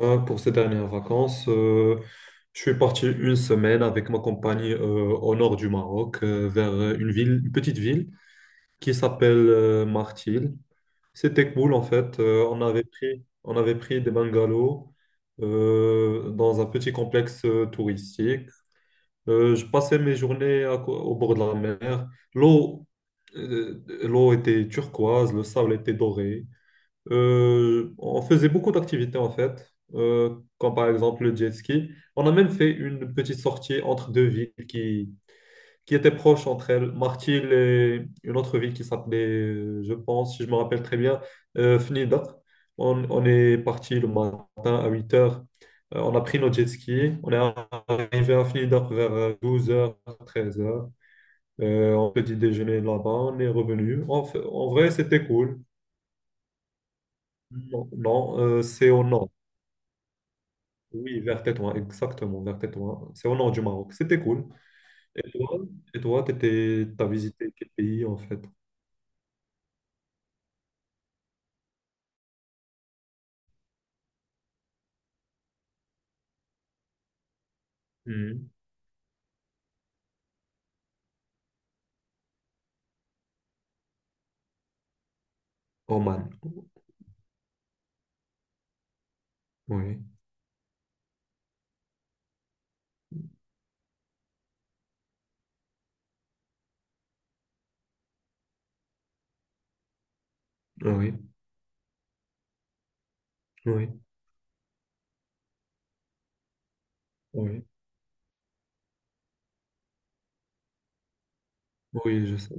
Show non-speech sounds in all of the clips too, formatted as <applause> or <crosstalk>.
Pour ces dernières vacances, je suis parti une semaine avec ma compagnie au nord du Maroc, vers une ville, une petite ville qui s'appelle Martil. C'était cool en fait. On avait pris des bungalows dans un petit complexe touristique. Je passais mes journées au bord de la mer. L'eau, l'eau était turquoise, le sable était doré. On faisait beaucoup d'activités en fait, comme par exemple le jet ski. On a même fait une petite sortie entre deux villes qui étaient proches entre elles, Martil et une autre ville qui s'appelait, je pense, si je me rappelle très bien, Fnida. On est parti le matin à 8 heures. On a pris nos jet skis. On est arrivé à Fnida vers 12h, 13h. On a petit déjeuner là-bas. On est revenu. En vrai, c'était cool. Non, non, c'est au nord. Oui, vers Tétouan, exactement, vers Tétouan. C'est au nord du Maroc. C'était cool. Et toi, et toi, t'as visité quel pays en fait? Mhm. Oman. Oui, oui, oui, oui, oui, je sais.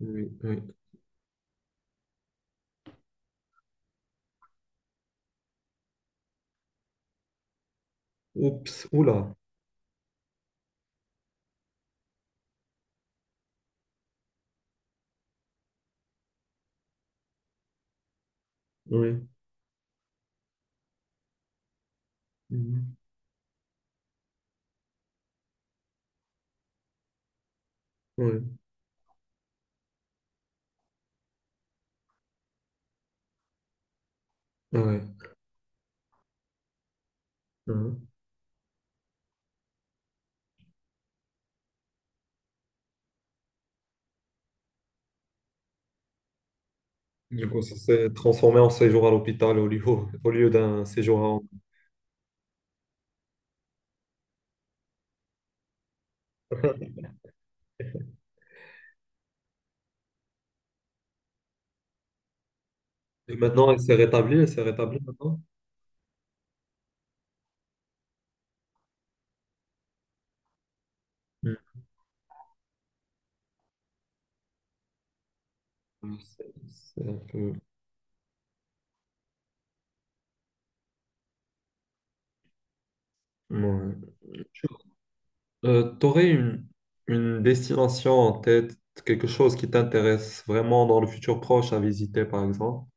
Oui, oui. Oups, oula. Oui, mhm. Oui, oui. Mhm. Du coup, ça s'est transformé en séjour à l'hôpital au lieu d'un séjour à... <laughs> Et maintenant, elle s'est rétablie maintenant. Mhm. C'est un peu... Ouais. T'aurais une destination en tête, quelque chose qui t'intéresse vraiment dans le futur proche à visiter, par exemple,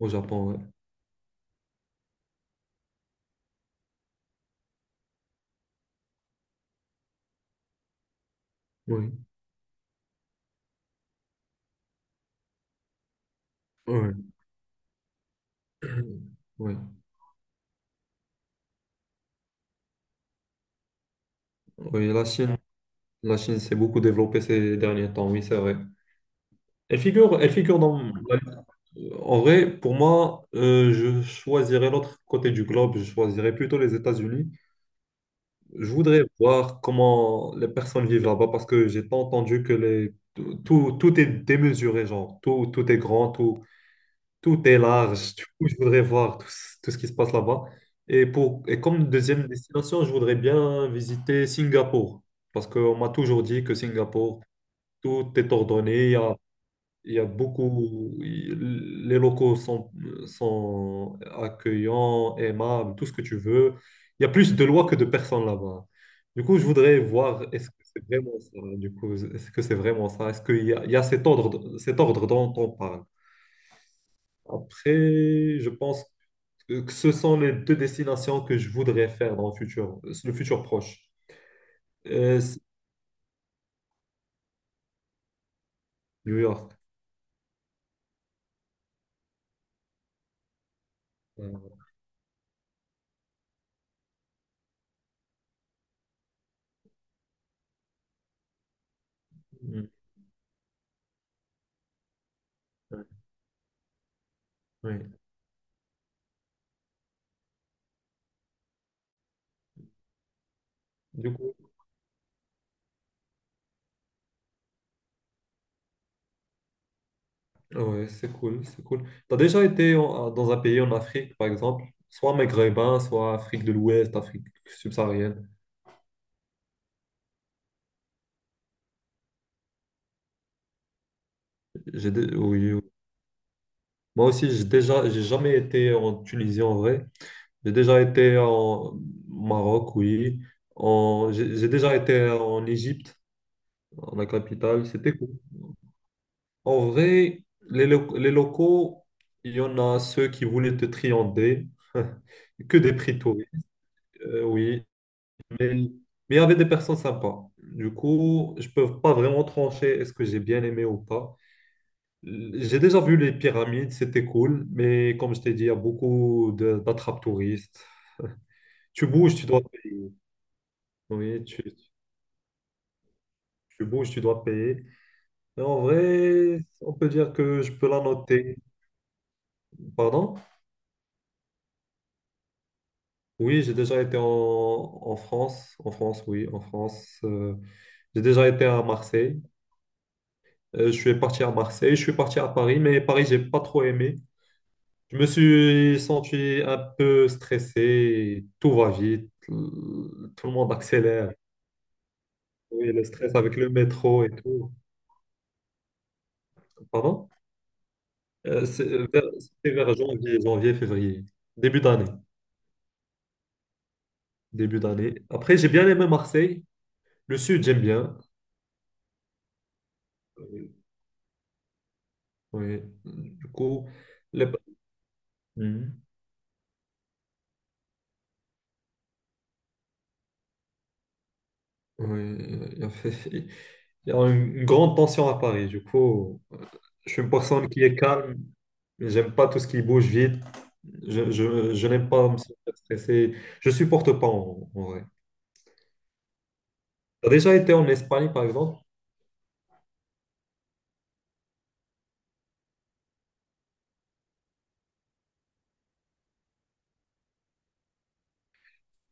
au Japon, ouais. Oui, oui, oui. Oui, la Chine s'est beaucoup développée ces derniers temps, oui, c'est vrai. Elle figure dans... En vrai, pour moi, je choisirais l'autre côté du globe, je choisirais plutôt les États-Unis. Je voudrais voir comment les personnes vivent là-bas parce que j'ai pas entendu que les... Tout est démesuré, genre, tout est grand, tout... Tout est large. Du coup, je voudrais voir ce tout ce qui se passe là-bas. Et comme deuxième destination, je voudrais bien visiter Singapour. Parce qu'on m'a toujours dit que Singapour, tout est ordonné. Il y a beaucoup. Les locaux sont accueillants, aimables, tout ce que tu veux. Il y a plus de lois que de personnes là-bas. Du coup, je voudrais voir est-ce que c'est vraiment ça. Du coup, est-ce que c'est vraiment ça? Est-ce qu'il y a cet ordre dont on parle? Après, je pense que ce sont les deux destinations que je voudrais faire dans le futur proche. C'est New York. Euh, mm, ouais, ouais. Du coup, ouais, c'est cool, c'est cool. T'as déjà été dans un pays en Afrique, par exemple, soit maghrébin, soit Afrique de l'Ouest, Afrique subsaharienne. Oui, oui. Moi aussi, j'ai jamais été en Tunisie en vrai. J'ai déjà été en Maroc, oui. En... j'ai déjà été en Égypte, en la capitale. C'était cool. En vrai, les locaux, il y en a ceux qui voulaient te triander, <laughs> que des prix-touristes, oui. Mais il y avait des personnes sympas. Du coup, je peux pas vraiment trancher est-ce que j'ai bien aimé ou pas. J'ai déjà vu les pyramides, c'était cool, mais comme je t'ai dit, il y a beaucoup d'attrape-touristes. Tu bouges, tu dois payer. Oui, tu bouges, tu dois payer. Et en vrai, on peut dire que je peux la noter. Pardon? Oui, j'ai déjà été en France, oui, en France. J'ai déjà été à Marseille. Je suis parti à Marseille, je suis parti à Paris, mais Paris, j'ai pas trop aimé. Je me suis senti un peu stressé, tout va vite, tout le monde accélère. Oui, le stress avec le métro et tout. Pardon? C'était vers janvier, février, début d'année, début d'année. Après, j'ai bien aimé Marseille. Le sud, j'aime bien. Euh, Oui, du coup, les... Mhm. Oui, il y a <laughs> il y a une grande tension à Paris. Du coup, je suis une personne qui est calme. J'aime pas tout ce qui bouge vite. Je n'aime pas me sentir stressé. Je supporte pas en vrai. Tu as déjà été en Espagne, par exemple?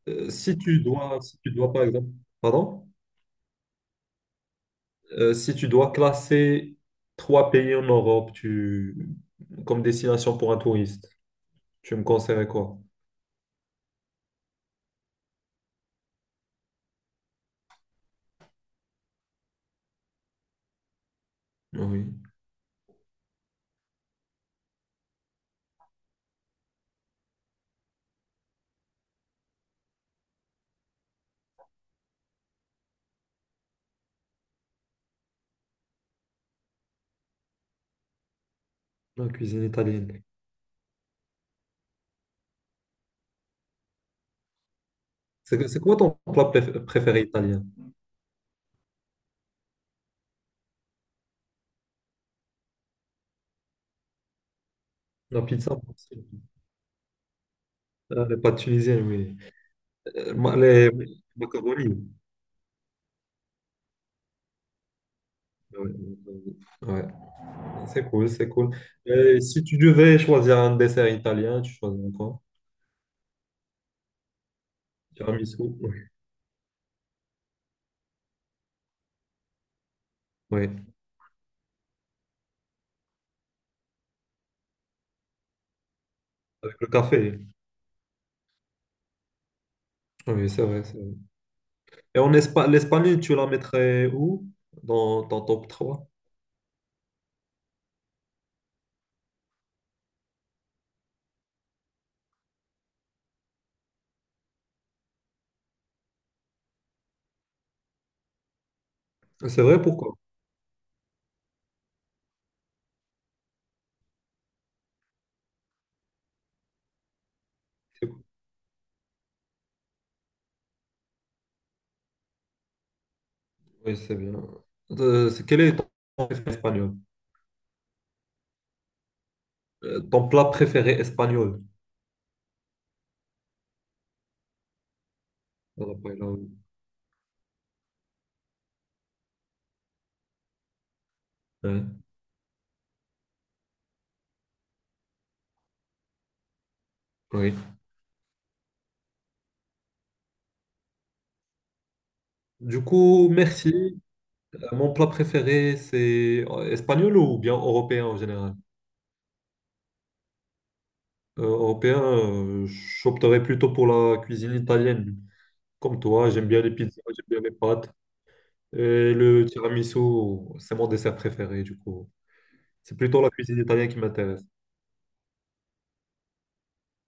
Si tu dois, par exemple, pardon? Si tu dois classer 3 pays en Europe comme destination pour un touriste, tu me conseillerais quoi? Oui, la cuisine italienne. C'est quoi ton plat préféré italien? La pizza, elle est pas tunisienne, oui. Les macaronis. Ouais, ouais. Ouais. C'est cool, c'est cool. Et si tu devais choisir un dessert italien, tu choisirais quoi? Tiramisu, oui. Oui, avec le café. Ah, oui, c'est vrai, c'est vrai. Et en Espagne, l'Espagne, tu la mettrais où? Dans ton top trois. C'est vrai, pourquoi? C'est cool. Oui, c'est bien. Quel est ton plat préféré espagnol? Ton plat préféré espagnol? Voilà, voilà, oui. Ouais, oui. Du coup, merci. Mon plat préféré, c'est espagnol ou bien européen en général? Européen, j'opterais plutôt pour la cuisine italienne. Comme toi, j'aime bien les pizzas, j'aime bien les pâtes. Et le tiramisu, c'est mon dessert préféré, du coup. C'est plutôt la cuisine italienne qui m'intéresse.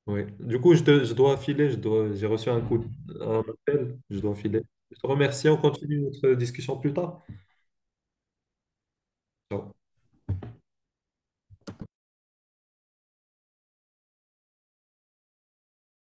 Oui. Du coup, je dois filer, j'ai reçu un appel, je dois filer. Je te remercie, on continue notre discussion plus tard. Ciao.